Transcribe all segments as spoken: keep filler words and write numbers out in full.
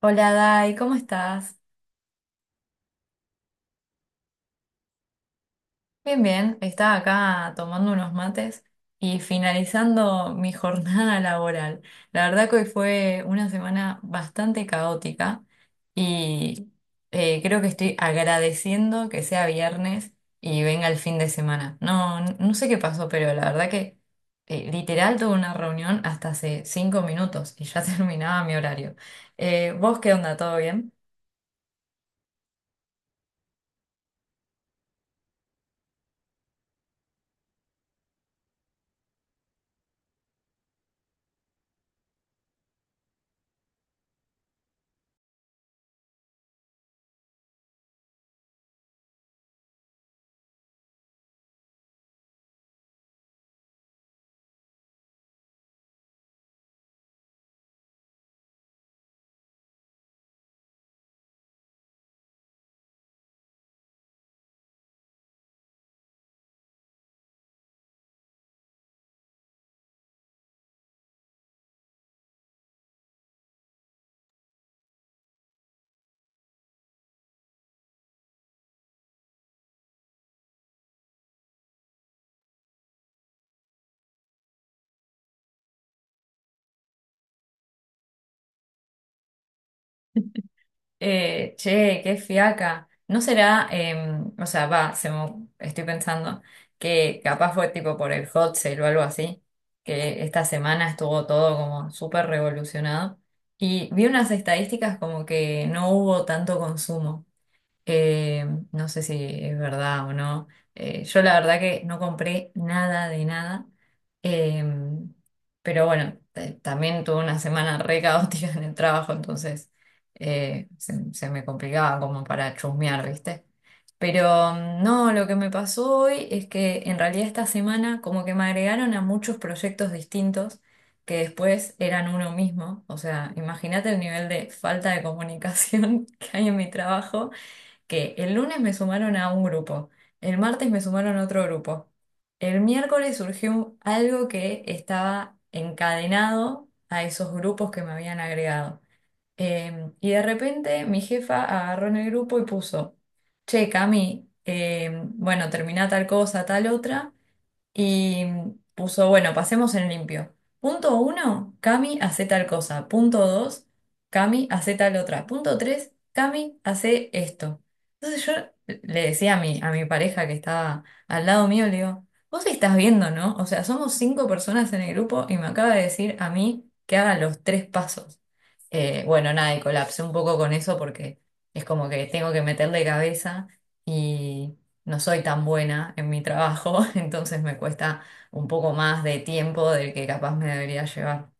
Hola Dai, ¿cómo estás? Bien, bien, estaba acá tomando unos mates y finalizando mi jornada laboral. La verdad que hoy fue una semana bastante caótica y eh, creo que estoy agradeciendo que sea viernes y venga el fin de semana. No, no sé qué pasó, pero la verdad que eh, literal tuve una reunión hasta hace cinco minutos y ya terminaba mi horario. Eh, ¿vos qué onda? ¿Todo bien? Eh, che, qué fiaca. ¿No será, em, o sea, va, se me- estoy pensando que capaz fue tipo por el hot sale o algo así, que esta semana estuvo todo como súper revolucionado. Y vi unas estadísticas como que no hubo tanto consumo. Eh, no sé si es verdad o no. Eh, yo la verdad que no compré nada de nada. Eh, pero bueno, eh, también tuve una semana re caótica en el trabajo, entonces eh, se, se me complicaba como para chusmear, ¿viste? Pero mm, no, lo que me pasó hoy es que en realidad esta semana como que me agregaron a muchos proyectos distintos que después eran uno mismo. O sea, imagínate el nivel de falta de comunicación que hay en mi trabajo, que el lunes me sumaron a un grupo, el martes me sumaron a otro grupo, el miércoles surgió algo que estaba encadenado a esos grupos que me habían agregado. Eh, y de repente mi jefa agarró en el grupo y puso, che, Cami, eh, bueno, termina tal cosa, tal otra. Y puso, bueno, pasemos en limpio. Punto uno, Cami hace tal cosa. Punto dos, Cami hace tal otra. Punto tres, Cami hace esto. Entonces yo le decía a mi, a mi pareja que estaba al lado mío, le digo, vos estás viendo, ¿no? O sea, somos cinco personas en el grupo y me acaba de decir a mí que haga los tres pasos. Eh, bueno, nada, y colapsé un poco con eso porque es como que tengo que meterle cabeza, no soy tan buena en mi trabajo, entonces me cuesta un poco más de tiempo del que capaz me debería llevar.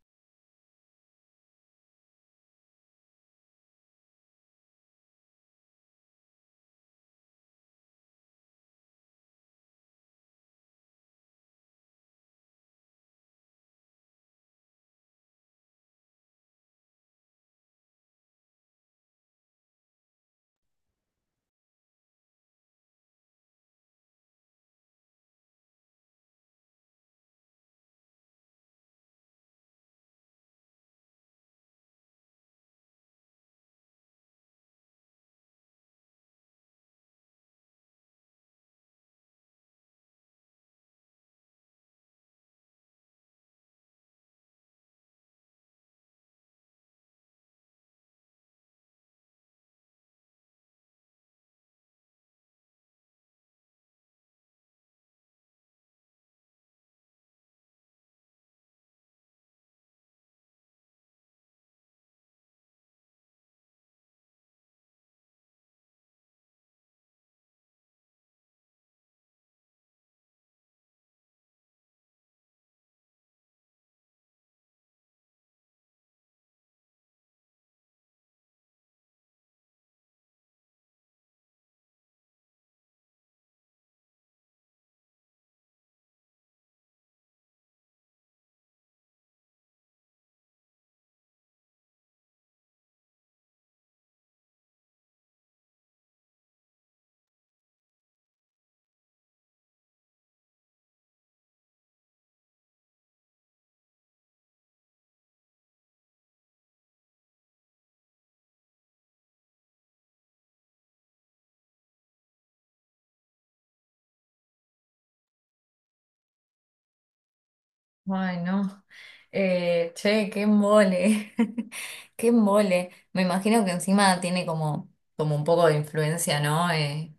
Ay, no. Eh, che, qué mole. Qué mole. Me imagino que encima tiene como, como un poco de influencia, ¿no? Eh,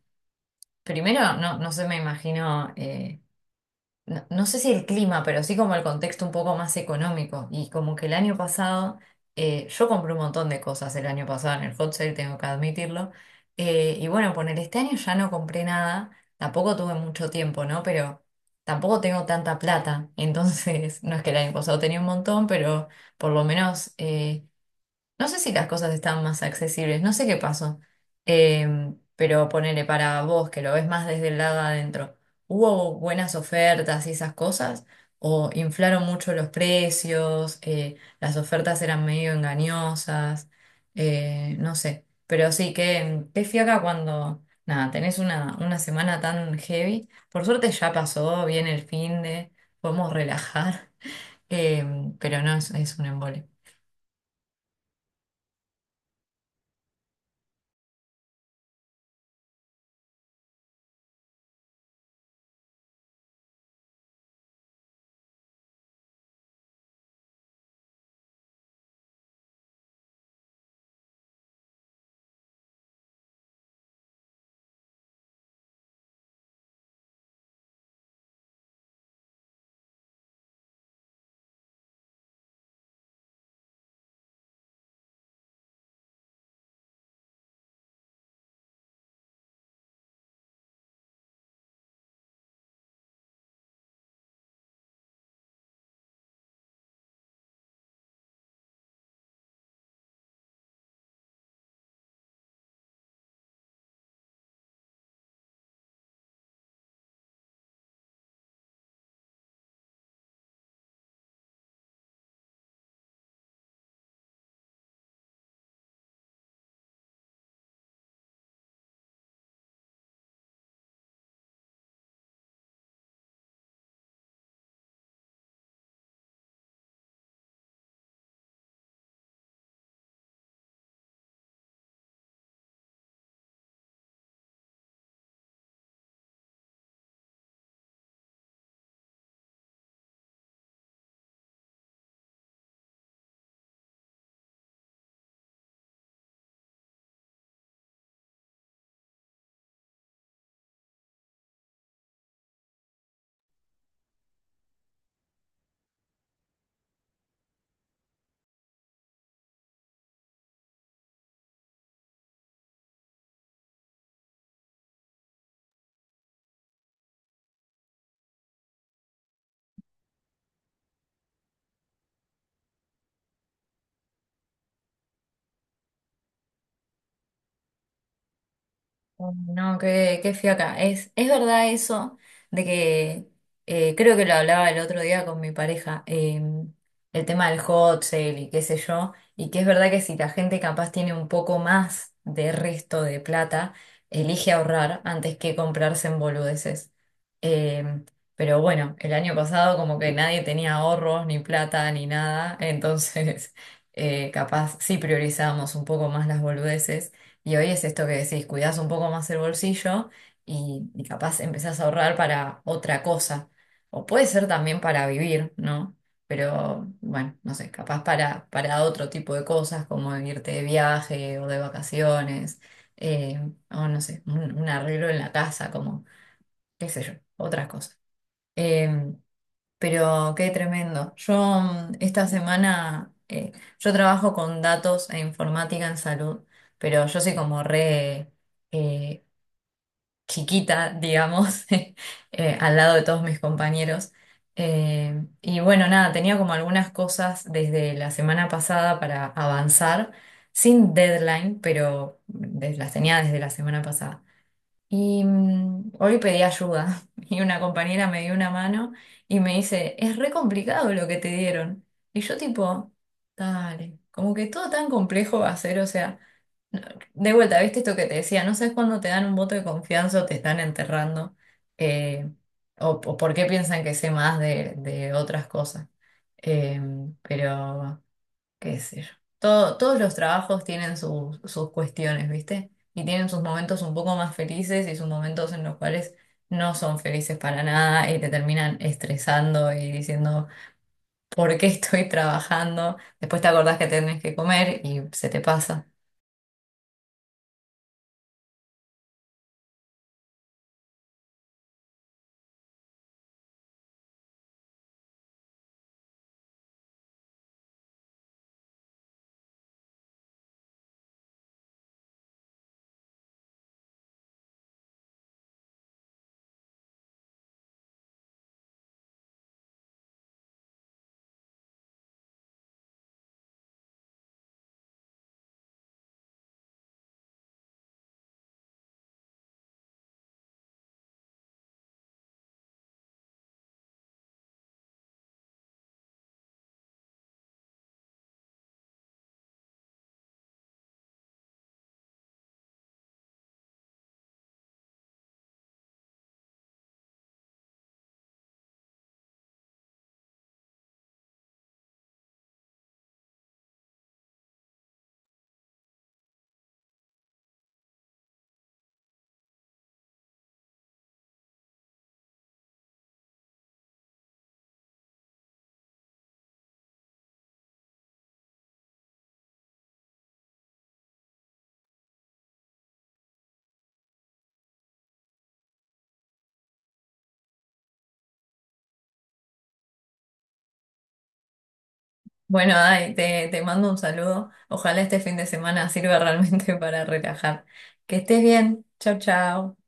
Primero, no, no sé, me imagino, eh, no, no sé si el clima, pero sí como el contexto un poco más económico. Y como que el año pasado, eh, yo compré un montón de cosas el año pasado en el hot sale, tengo que admitirlo. Eh, y bueno, poner este año ya no compré nada, tampoco tuve mucho tiempo, ¿no? Pero tampoco tengo tanta plata. Entonces, no es que el año pasado tenía un montón, pero por lo menos, eh, no sé si las cosas están más accesibles, no sé qué pasó. Eh, pero ponele para vos, que lo ves más desde el lado de adentro, ¿hubo buenas ofertas y esas cosas? ¿O inflaron mucho los precios? Eh, ¿las ofertas eran medio engañosas? Eh, no sé. Pero sí, qué, qué fiaca cuando, nada, tenés una, una semana tan heavy. Por suerte ya pasó bien el fin de, podemos relajar. Eh, pero no, es, es un embole. No, qué, qué fiaca. Es, es verdad eso de que eh, creo que lo hablaba el otro día con mi pareja, eh, el tema del hot sale y qué sé yo, y que es verdad que si la gente capaz tiene un poco más de resto de plata, elige ahorrar antes que comprarse en boludeces. Eh, pero bueno, el año pasado como que nadie tenía ahorros, ni plata, ni nada, entonces eh, capaz sí priorizábamos un poco más las boludeces. Y hoy es esto que decís, cuidás un poco más el bolsillo y, y capaz empezás a ahorrar para otra cosa. O puede ser también para vivir, ¿no? Pero bueno, no sé, capaz para, para otro tipo de cosas como irte de viaje o de vacaciones, eh, o no sé, un, un arreglo en la casa, como qué sé yo, otras cosas. Em, pero qué tremendo. Yo mm, esta semana, eh, yo trabajo con datos e informática en salud, pero yo soy como re, eh, chiquita, digamos, eh, al lado de todos mis compañeros. Eh, y bueno, nada, tenía como algunas cosas desde la semana pasada para avanzar, sin deadline, pero des- las tenía desde la semana pasada. Y mm, hoy pedí ayuda y una compañera me dio una mano y me dice, es re complicado lo que te dieron. Y yo tipo, dale, como que todo tan complejo va a ser, o sea, no- de vuelta, ¿viste esto que te decía? No sabes cuándo te dan un voto de confianza o te están enterrando, eh, o, o por qué piensan que sé más de, de otras cosas. Eh, pero qué sé yo. Todo- todos los trabajos tienen sus, sus cuestiones, ¿viste? Y tienen sus momentos un poco más felices y sus momentos en los cuales no son felices para nada y te terminan estresando y diciendo, ¿por qué estoy trabajando? Después te acordás que tenés que comer y se te pasa. Bueno, Dai, te, te mando un saludo. Ojalá este fin de semana sirva realmente para relajar. Que estés bien. Chau, chau.